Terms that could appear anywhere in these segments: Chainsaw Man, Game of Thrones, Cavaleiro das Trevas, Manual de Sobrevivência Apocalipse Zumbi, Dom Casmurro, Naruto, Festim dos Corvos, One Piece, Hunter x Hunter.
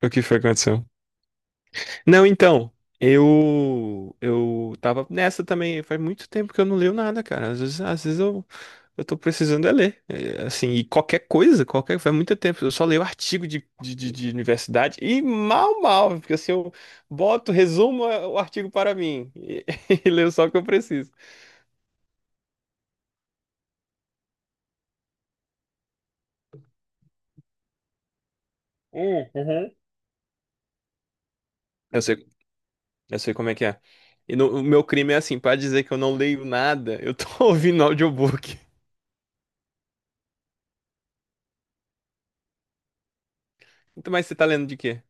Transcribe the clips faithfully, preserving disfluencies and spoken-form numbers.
O que foi que aconteceu? Não, então, eu eu tava nessa também, faz muito tempo que eu não leio nada, cara. Às vezes, às vezes eu eu tô precisando é ler. É, assim, e qualquer coisa, qualquer, faz muito tempo, eu só leio artigo de, de, de, de universidade e mal, mal, porque assim, eu boto, resumo é, o artigo para mim e, e leio só o que eu preciso. Hum, uhum. Eu sei, eu sei como é que é. E no- o meu crime é assim, para dizer que eu não leio nada, eu tô ouvindo audiobook. Então, mas você tá lendo de quê?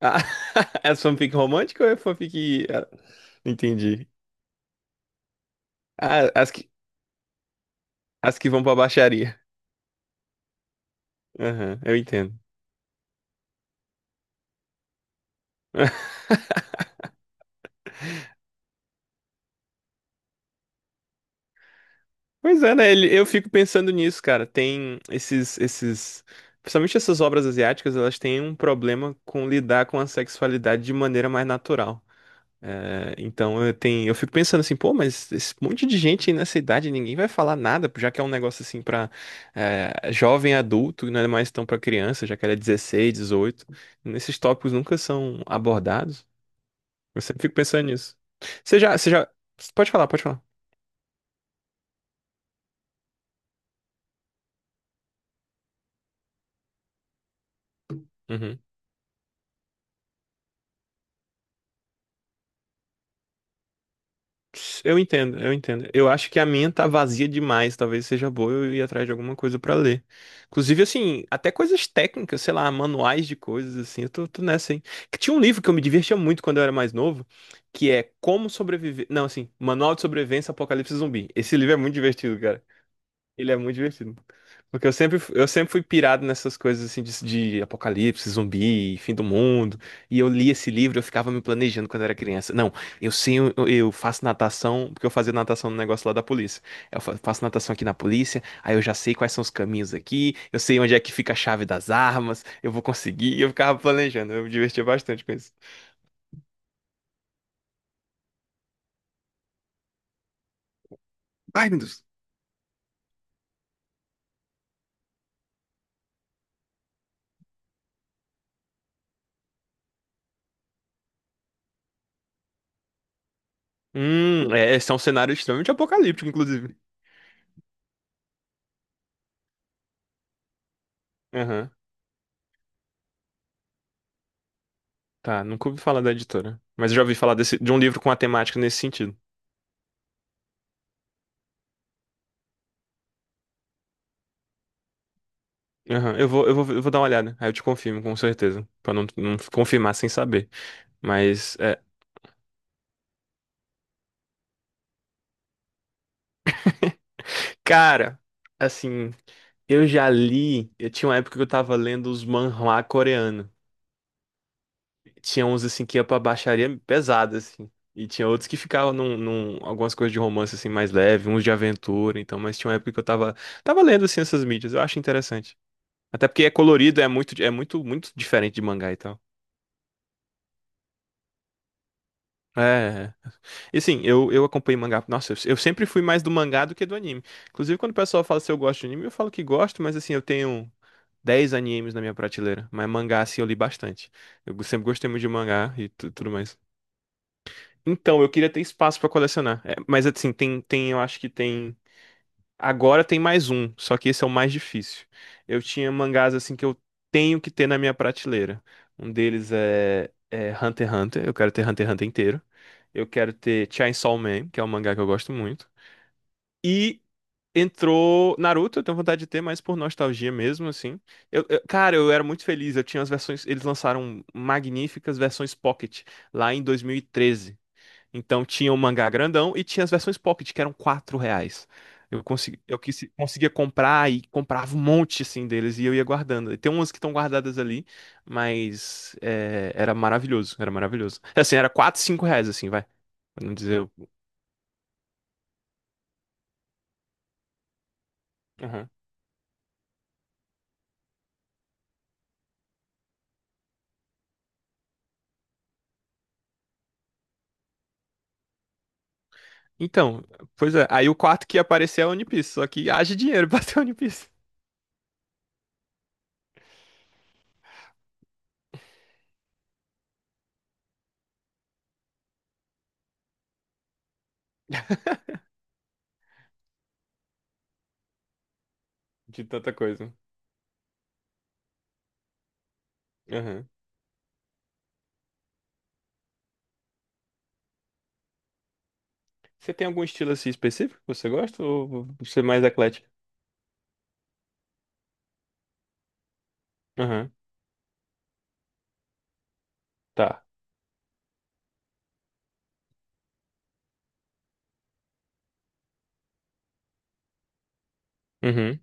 Ah, as fanfic romântica ou é fanfic. Ah, entendi. Ah, as que, as que vão pra baixaria. Aham, eu entendo. Pois é, né? ele- Eu fico pensando nisso, cara. Tem esses, esses. Principalmente essas obras asiáticas, elas têm um problema com lidar com a sexualidade de maneira mais natural. É, então eu tenho, eu fico pensando assim, pô, mas esse monte de gente aí nessa idade, ninguém vai falar nada, já que é um negócio assim pra é, jovem adulto, e não é mais tão pra criança, já que era dezesseis dezoito. Nesses tópicos nunca são abordados. Eu sempre fico pensando nisso. Você já, você já, pode falar, pode falar. Uhum. Eu entendo, eu entendo. Eu acho que a minha tá vazia demais, talvez seja boa eu ir atrás de alguma coisa pra ler. Inclusive, assim, até coisas técnicas, sei lá, manuais de coisas, assim, eu tô, tô nessa, hein. Que tinha um livro que eu me divertia muito quando eu era mais novo, que é Como Sobreviver. Não, assim, Manual de Sobrevivência Apocalipse Zumbi. Esse livro é muito divertido, ele é muito divertido. Porque eu sempre, eu sempre fui pirado nessas coisas assim de, de apocalipse, zumbi, fim do mundo. E eu li esse livro, eu ficava me planejando quando era criança. Não, eu sei, eu, eu faço natação, porque eu fazia natação no negócio lá da polícia. Eu fa- faço natação aqui na polícia, aí eu já sei quais são os caminhos aqui, eu sei onde é que fica a chave das armas, eu vou conseguir. E eu ficava planejando, eu me divertia bastante com isso. Ai, meu Deus. Hum, é, esse é um cenário extremamente apocalíptico, inclusive. Aham. Tá, nunca ouvi falar da editora. Mas eu já ouvi falar desse, de um livro com a temática nesse sentido. Aham, eu vou, eu vou, eu vou dar uma olhada. Aí eu te confirmo, com certeza. Pra não, não confirmar sem saber. Mas, é. Cara, assim, eu já li. Eu tinha uma época que eu tava lendo os manhwa coreanos. Tinha uns, assim, que ia pra baixaria pesada, assim. E tinha outros que ficavam num, num- algumas coisas de romance, assim, mais leve, uns de aventura, então. Mas tinha uma época que eu tava, tava lendo, assim, essas mídias. Eu acho interessante. Até porque é colorido, é muito, é muito, muito diferente de mangá e tal. É. É. E sim, eu, eu acompanhei mangá. Nossa, eu, eu sempre fui mais do mangá do que do anime. Inclusive, quando o pessoal fala se eu gosto de anime, eu falo que gosto, mas assim, eu tenho dez animes na minha prateleira. Mas mangá, assim, eu li bastante. Eu sempre gostei muito de mangá e tu- tudo mais. Então, eu queria ter espaço pra colecionar. É, mas assim, tem, tem, eu acho que tem. Agora tem mais um, só que esse é o mais difícil. Eu tinha mangás assim que eu tenho que ter na minha prateleira. Um deles é, é Hunter x Hunter, eu quero ter Hunter x Hunter inteiro. Eu quero ter Chainsaw Man, que é um mangá que eu gosto muito. E entrou Naruto, eu tenho vontade de ter, mas por nostalgia mesmo, assim. Eu, eu- cara, eu era muito feliz, eu tinha as versões, eles lançaram magníficas versões Pocket lá em dois mil e treze. Então tinha o mangá grandão e tinha as versões Pocket, que eram quatro reais. Eu, consegui, eu quis- Conseguia comprar e comprava um monte assim deles e eu ia guardando. E tem umas que estão guardadas ali, mas é, era maravilhoso, era maravilhoso. Assim, era quatro cinco reais, assim, vai. Pra não dizer. o- Aham. Então, pois é, aí o quarto que ia aparecer é o One Piece, só que haja dinheiro pra ter o One Piece. De tanta coisa. Aham. Você tem algum estilo assim específico que você gosta ou você é mais eclético? Aham. Tá. Uhum.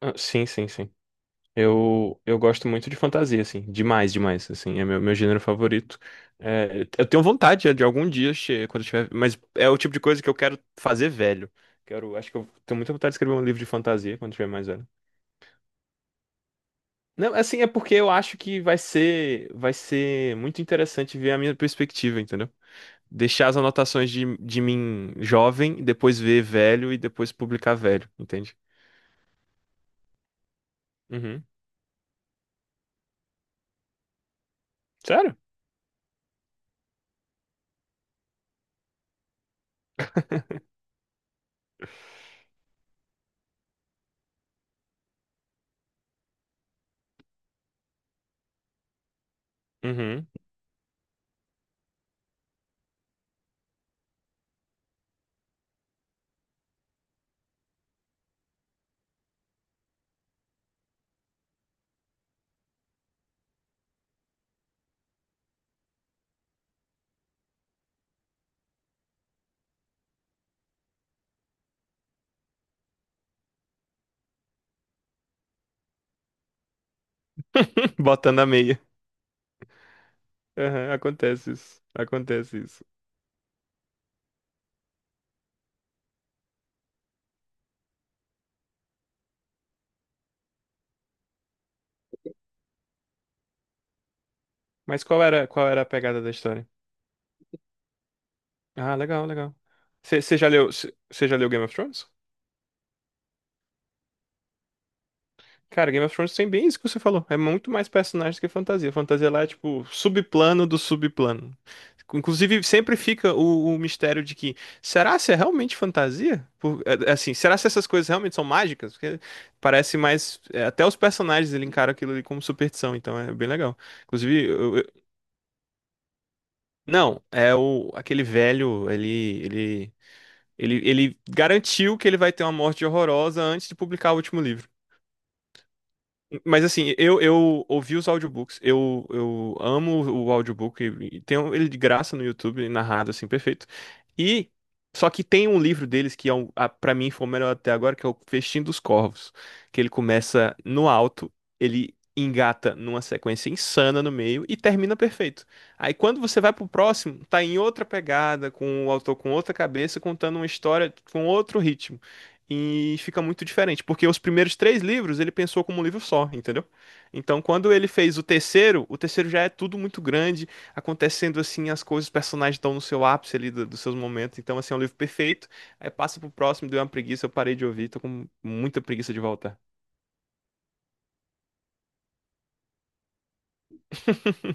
Ah, sim, sim, sim. Eu, eu gosto muito de fantasia, assim, demais, demais, assim, é meu, meu gênero favorito. É, eu tenho vontade de algum dia, che- quando eu tiver, mas é o tipo de coisa que eu quero fazer velho. Quero, acho que eu tenho muita vontade de escrever um livro de fantasia quando eu tiver mais velho. Não, assim, é porque eu acho que vai ser, vai ser muito interessante ver a minha perspectiva, entendeu? Deixar as anotações de, de mim jovem, depois ver velho e depois publicar velho, entende? Uhum. Sério? Uhum. Botando a meia. Aham, acontece isso. Acontece isso. Mas qual era, qual era a pegada da história? Ah, legal, legal. Você já leu, você já leu Game of Thrones? Cara, Game of Thrones tem bem isso que você falou. É muito mais personagens que fantasia. Fantasia lá é tipo subplano do subplano. Inclusive, sempre fica o, o mistério de que será se é realmente fantasia? Por- é- é assim, será se essas coisas realmente são mágicas? Porque parece mais. É, até os personagens ele encara aquilo ali como superstição, então é bem legal. Inclusive, eu, Não, é o aquele velho, ele, ele, ele, ele garantiu que ele vai ter uma morte horrorosa antes de publicar o último livro. Mas assim, eu, eu ouvi os audiobooks, eu, eu amo o audiobook, e tem um- ele de graça no YouTube, narrado assim, perfeito. E só que tem um livro deles que é um, a, para mim foi o melhor até agora, que é o Festim dos Corvos, que ele começa no alto, ele engata numa sequência insana no meio e termina perfeito. Aí quando você vai pro próximo, tá em outra pegada, com o autor com outra cabeça, contando uma história com outro ritmo. E fica muito diferente, porque os primeiros três livros ele pensou como um livro só, entendeu? Então, quando ele fez o terceiro, o terceiro já é tudo muito grande, acontecendo assim, as coisas, os personagens estão no seu ápice ali do- dos seus momentos. Então, assim, é um livro perfeito. Aí passa pro próximo, deu uma preguiça, eu parei de ouvir, tô com muita preguiça de voltar.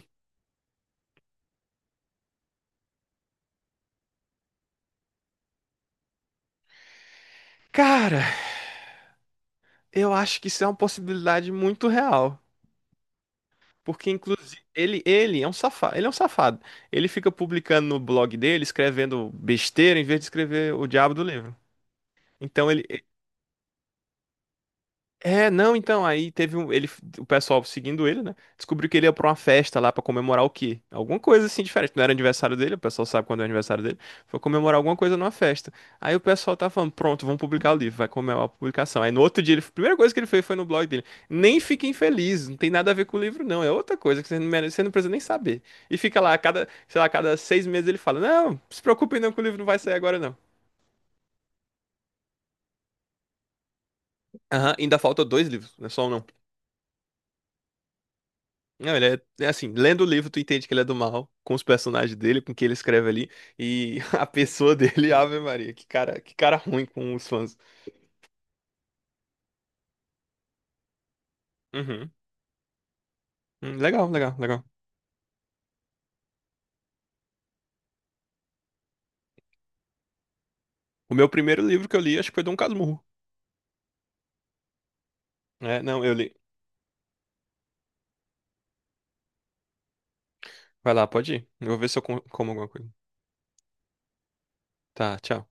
Cara, eu acho que isso é uma possibilidade muito real. Porque, inclusive, ele, ele é um safado. Ele é um safado. Ele fica publicando no blog dele, escrevendo besteira, em vez de escrever o diabo do livro. Então, ele, É, não, então, aí teve um, ele, o pessoal seguindo ele, né? Descobriu que ele ia pra uma festa lá pra comemorar o quê? Alguma coisa assim diferente. Não era aniversário dele, o pessoal sabe quando é aniversário dele. Foi comemorar alguma coisa numa festa. Aí o pessoal tá falando, pronto, vamos publicar o livro, vai comemorar a publicação. Aí no outro dia, ele, a primeira coisa que ele fez foi no blog dele. Nem fiquem felizes, não tem nada a ver com o livro, não. É outra coisa que você não, merece- você não precisa nem saber. E fica lá, a cada, sei lá, a cada seis meses ele fala: Não, se preocupem não que o livro não vai sair agora, não. Aham, ainda falta dois livros, não é só um, não. Não, ele é, é assim, lendo o livro tu entende que ele é do mal, com os personagens dele, com o que ele escreve ali, e a pessoa dele, Ave Maria, que cara, que cara ruim com os fãs. Uhum. Hum, legal, legal, legal. O meu primeiro livro que eu li, acho que foi Dom Casmurro. É, não, eu li. Vai lá, pode ir. Eu vou ver se eu com- como alguma coisa. Tá, tchau.